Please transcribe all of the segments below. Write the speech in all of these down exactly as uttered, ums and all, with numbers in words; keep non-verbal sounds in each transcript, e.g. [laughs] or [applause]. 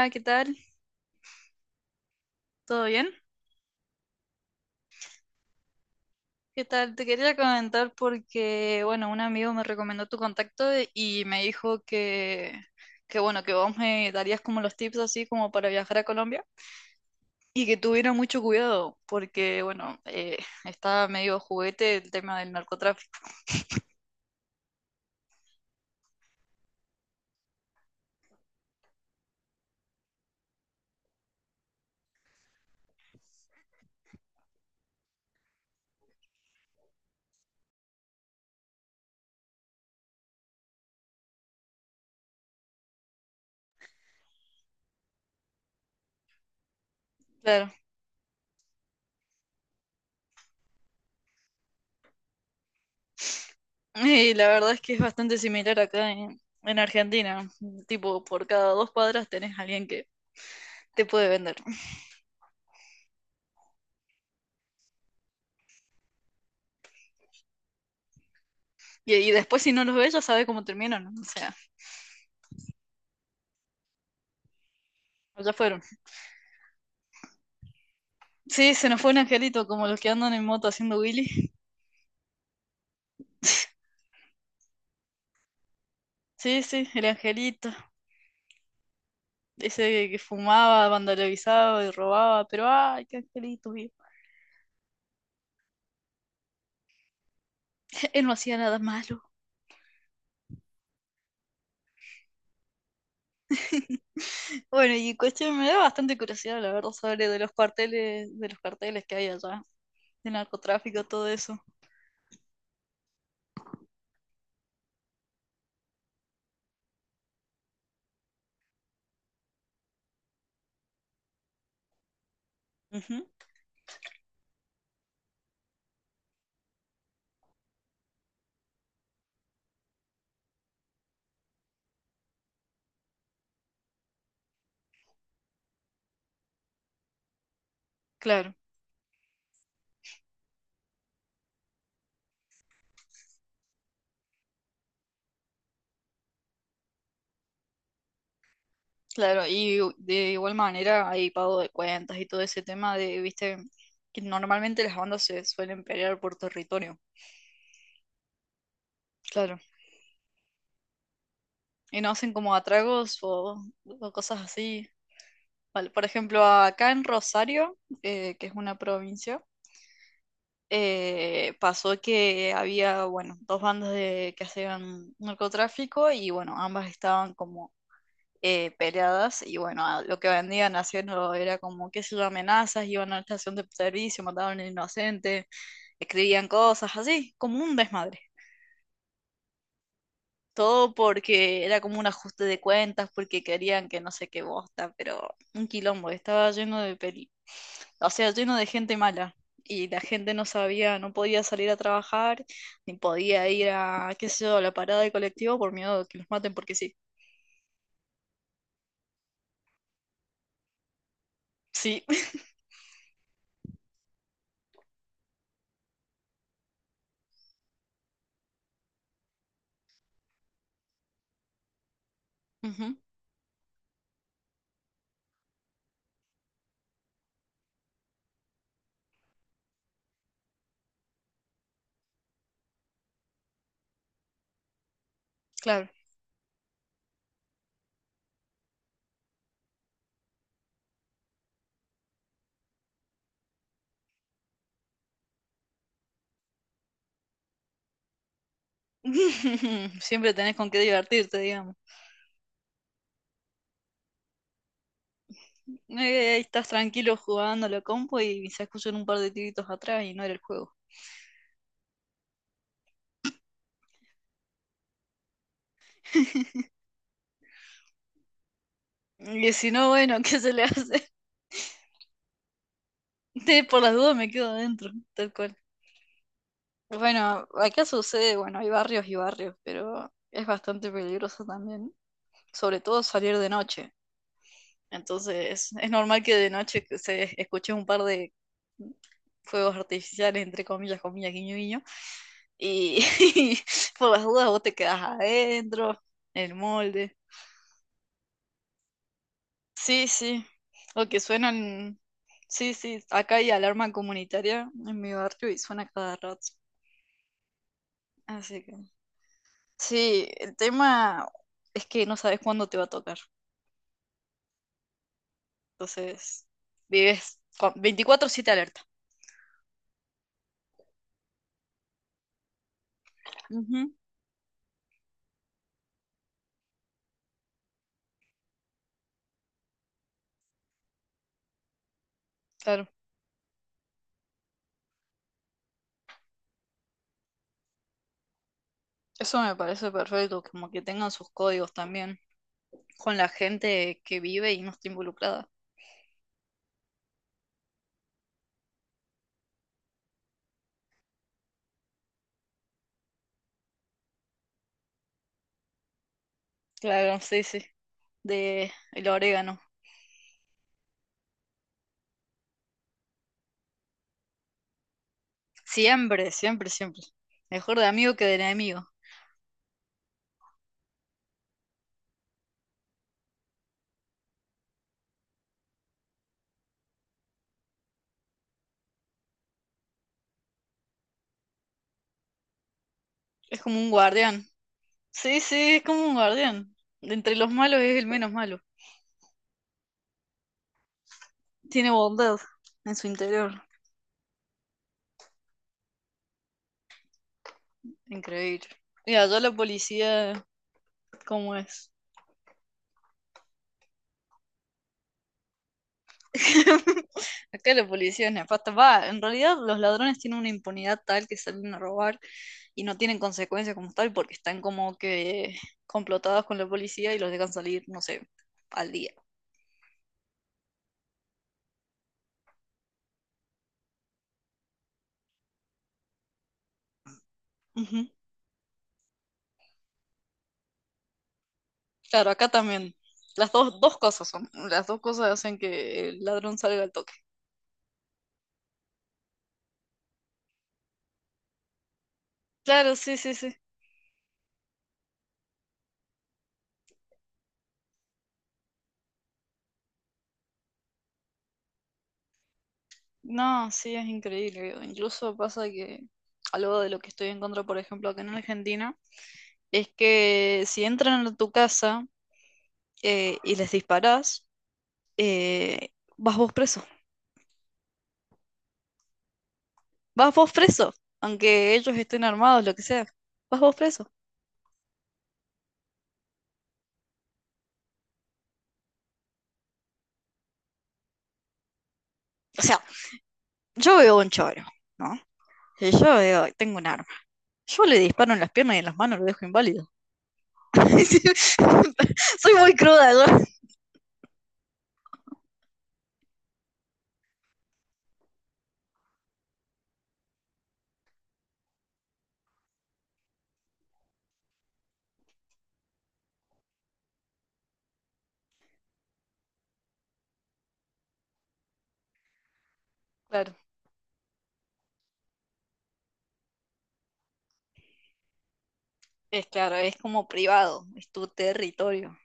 Hola, ¿qué tal? ¿Todo bien? ¿Qué tal? Te quería comentar porque, bueno, un amigo me recomendó tu contacto y me dijo que, que, bueno, que vos me darías como los tips así como para viajar a Colombia y que tuviera mucho cuidado porque, bueno, eh, está medio juguete el tema del narcotráfico. Claro. Y la verdad es que es bastante similar acá en, en Argentina. Tipo, por cada dos cuadras tenés a alguien que te puede vender. Y, y después si no los ves ya sabes cómo terminan. O sea, ya fueron. Sí, se nos fue un angelito, como los que andan en moto haciendo Willy. [laughs] Sí, sí, el angelito. Ese que fumaba, vandalizaba y robaba, pero ay, qué angelito, viejo. [laughs] Él no hacía nada malo. Bueno, y cuestión, me da bastante curiosidad, la verdad, sobre de los cuarteles, de los carteles que hay allá, de narcotráfico, todo eso. Ujú, claro, claro. Y u- de igual manera hay pago de cuentas y todo ese tema de, viste, que normalmente las bandas se suelen pelear por territorio. Claro. Y no hacen como atragos o, o cosas así. Vale, por ejemplo, acá en Rosario, eh, que es una provincia, eh, pasó que había, bueno, dos bandas de, que hacían narcotráfico y, bueno, ambas estaban como eh, peleadas y, bueno, a- lo que vendían haciendo era como, qué sé yo, amenazas, iban a la estación de servicio, mataban a un inocente, escribían cosas así, como un desmadre. Todo porque era como un ajuste de cuentas, porque querían que no sé qué bosta, pero un quilombo, estaba lleno de peli, o sea, lleno de gente mala. Y la gente no sabía, no podía salir a trabajar, ni podía ir a, qué sé yo, a la parada del colectivo por miedo de que los maten, porque sí. Sí, [laughs] ujú, claro. [laughs] Siempre tenés con qué divertirte, digamos. Eh, estás tranquilo jugando a la compu y se escuchan un par de tiritos atrás y no era el juego. [laughs] Y si no, bueno, [laughs] ¿qué se le hace? [laughs] Por las dudas me quedo adentro, tal cual. Bueno, acá sucede, bueno, hay barrios y barrios, pero es bastante peligroso también, sobre todo salir de noche. Entonces, es normal que de noche que se escuche un par de fuegos artificiales, entre comillas, comillas, guiño, guiño. Y, [laughs] por las dudas vos te quedás adentro, en el molde. Sí, sí. O que suenan. Sí, sí. Acá hay alarma comunitaria en mi barrio y suena cada rato. Así que. Sí, el tema es que no sabes cuándo te va a tocar. Entonces, vives con veinticuatro siete alerta. Ujú, claro. Eso me parece perfecto, como que tengan sus códigos también con la gente que vive y no está involucrada. Claro, sí, sí. De el orégano. Siempre, siempre, siempre. Mejor de amigo que de enemigo. Es como un guardián. Sí, sí, es como un guardián. De entre los malos es el menos malo. Tiene bondad en su interior. Increíble. Mira allá la policía, ¿cómo es? [laughs] Acá la policía es nefasta. Va, en realidad los ladrones tienen una impunidad tal que salen a robar y no tienen consecuencias como tal porque están como que complotados con la policía y los dejan salir, no sé, al día. Ujú. Claro, acá también. Las dos, dos cosas son. Las dos cosas hacen que el ladrón salga al toque. Claro, sí, sí, sí. No, sí, es increíble. Incluso pasa que algo de lo que estoy en contra, por ejemplo, acá en Argentina. Es que si entran a tu casa eh, y les disparás, eh, vas vos preso. Vas vos preso, aunque ellos estén armados, lo que sea. Vas vos preso. O sea, yo veo un choro, ¿no? Y yo veo, tengo un arma. Yo le disparo en las piernas y en las manos, lo dejo inválido. [laughs] Soy muy cruda, yo. Claro, es claro, es como privado, es tu territorio.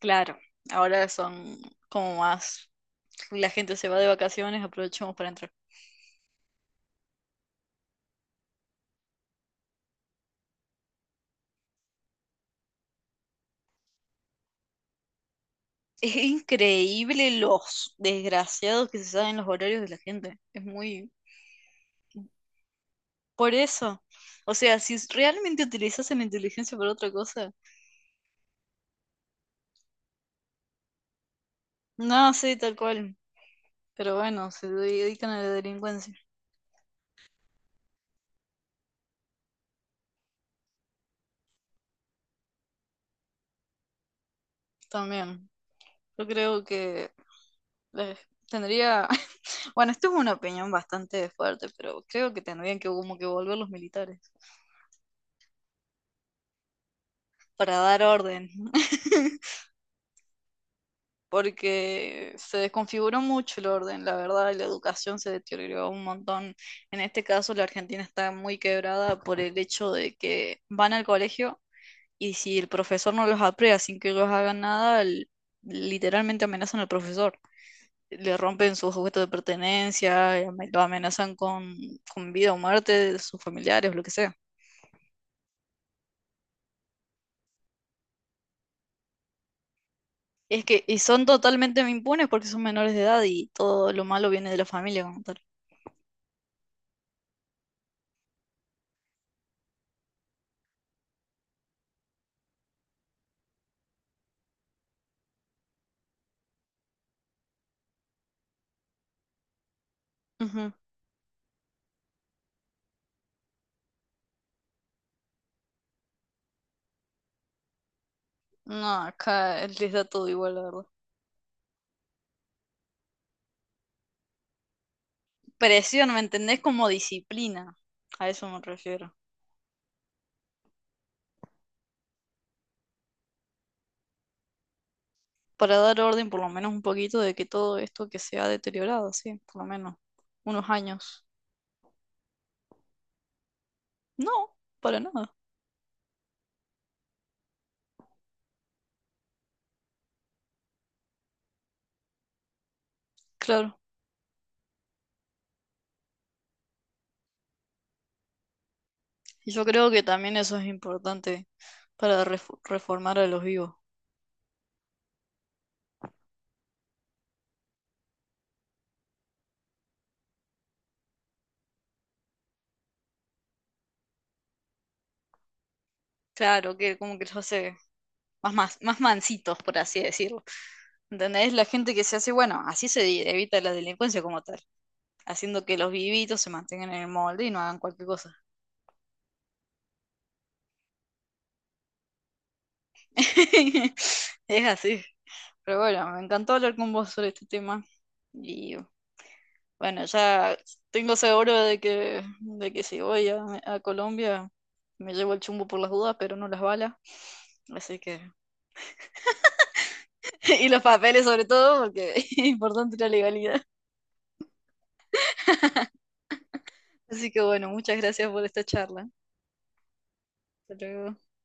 Claro, ahora son como más, la gente se va de vacaciones, aprovechamos para entrar. Es increíble los desgraciados que se saben los horarios de la gente. Es muy... Por eso. O sea, si realmente utilizasen la inteligencia para otra cosa. No, sí, tal cual. Pero bueno, se dedican a la delincuencia también. Yo creo que eh, tendría... [laughs] Bueno, esto es una opinión bastante fuerte, pero creo que tendrían que como que volver los militares para dar orden. [laughs] Porque se desconfiguró mucho el orden, la verdad, y la educación se deterioró un montón. En este caso, la Argentina está muy quebrada por el hecho de que van al colegio y si el profesor no los aprea sin que ellos hagan nada, l- literalmente amenazan al profesor. Le rompen sus objetos de pertenencia, y ame- lo amenazan con, con vida o muerte de sus familiares, lo que sea. Es que, y son totalmente impunes porque son menores de edad y todo lo malo viene de la familia como tal. Ujú. No, acá les da todo igual, la verdad. Presión, ¿me entendés? Como disciplina. A eso me refiero. Para dar orden, por lo menos un poquito, de que todo esto que se ha deteriorado, sí, por lo menos unos años. No, para nada, claro. Y yo creo que también eso es importante para refo- reformar a los vivos. Claro, que como que los hace más, más, más mansitos, por así decirlo. ¿Entendés? La gente que se hace, bueno, así se evita la delincuencia como tal, haciendo que los vivitos se mantengan en el molde y no hagan cualquier cosa. [laughs] Es así. Pero bueno, me encantó hablar con vos sobre este tema. Y bueno, ya tengo seguro de que, de que si voy a, a Colombia me llevo el chumbo por las dudas, pero no las balas. Así que, [laughs] y los papeles sobre todo, porque [laughs] es importante la legalidad. Así que bueno, muchas gracias por esta charla. Hasta luego.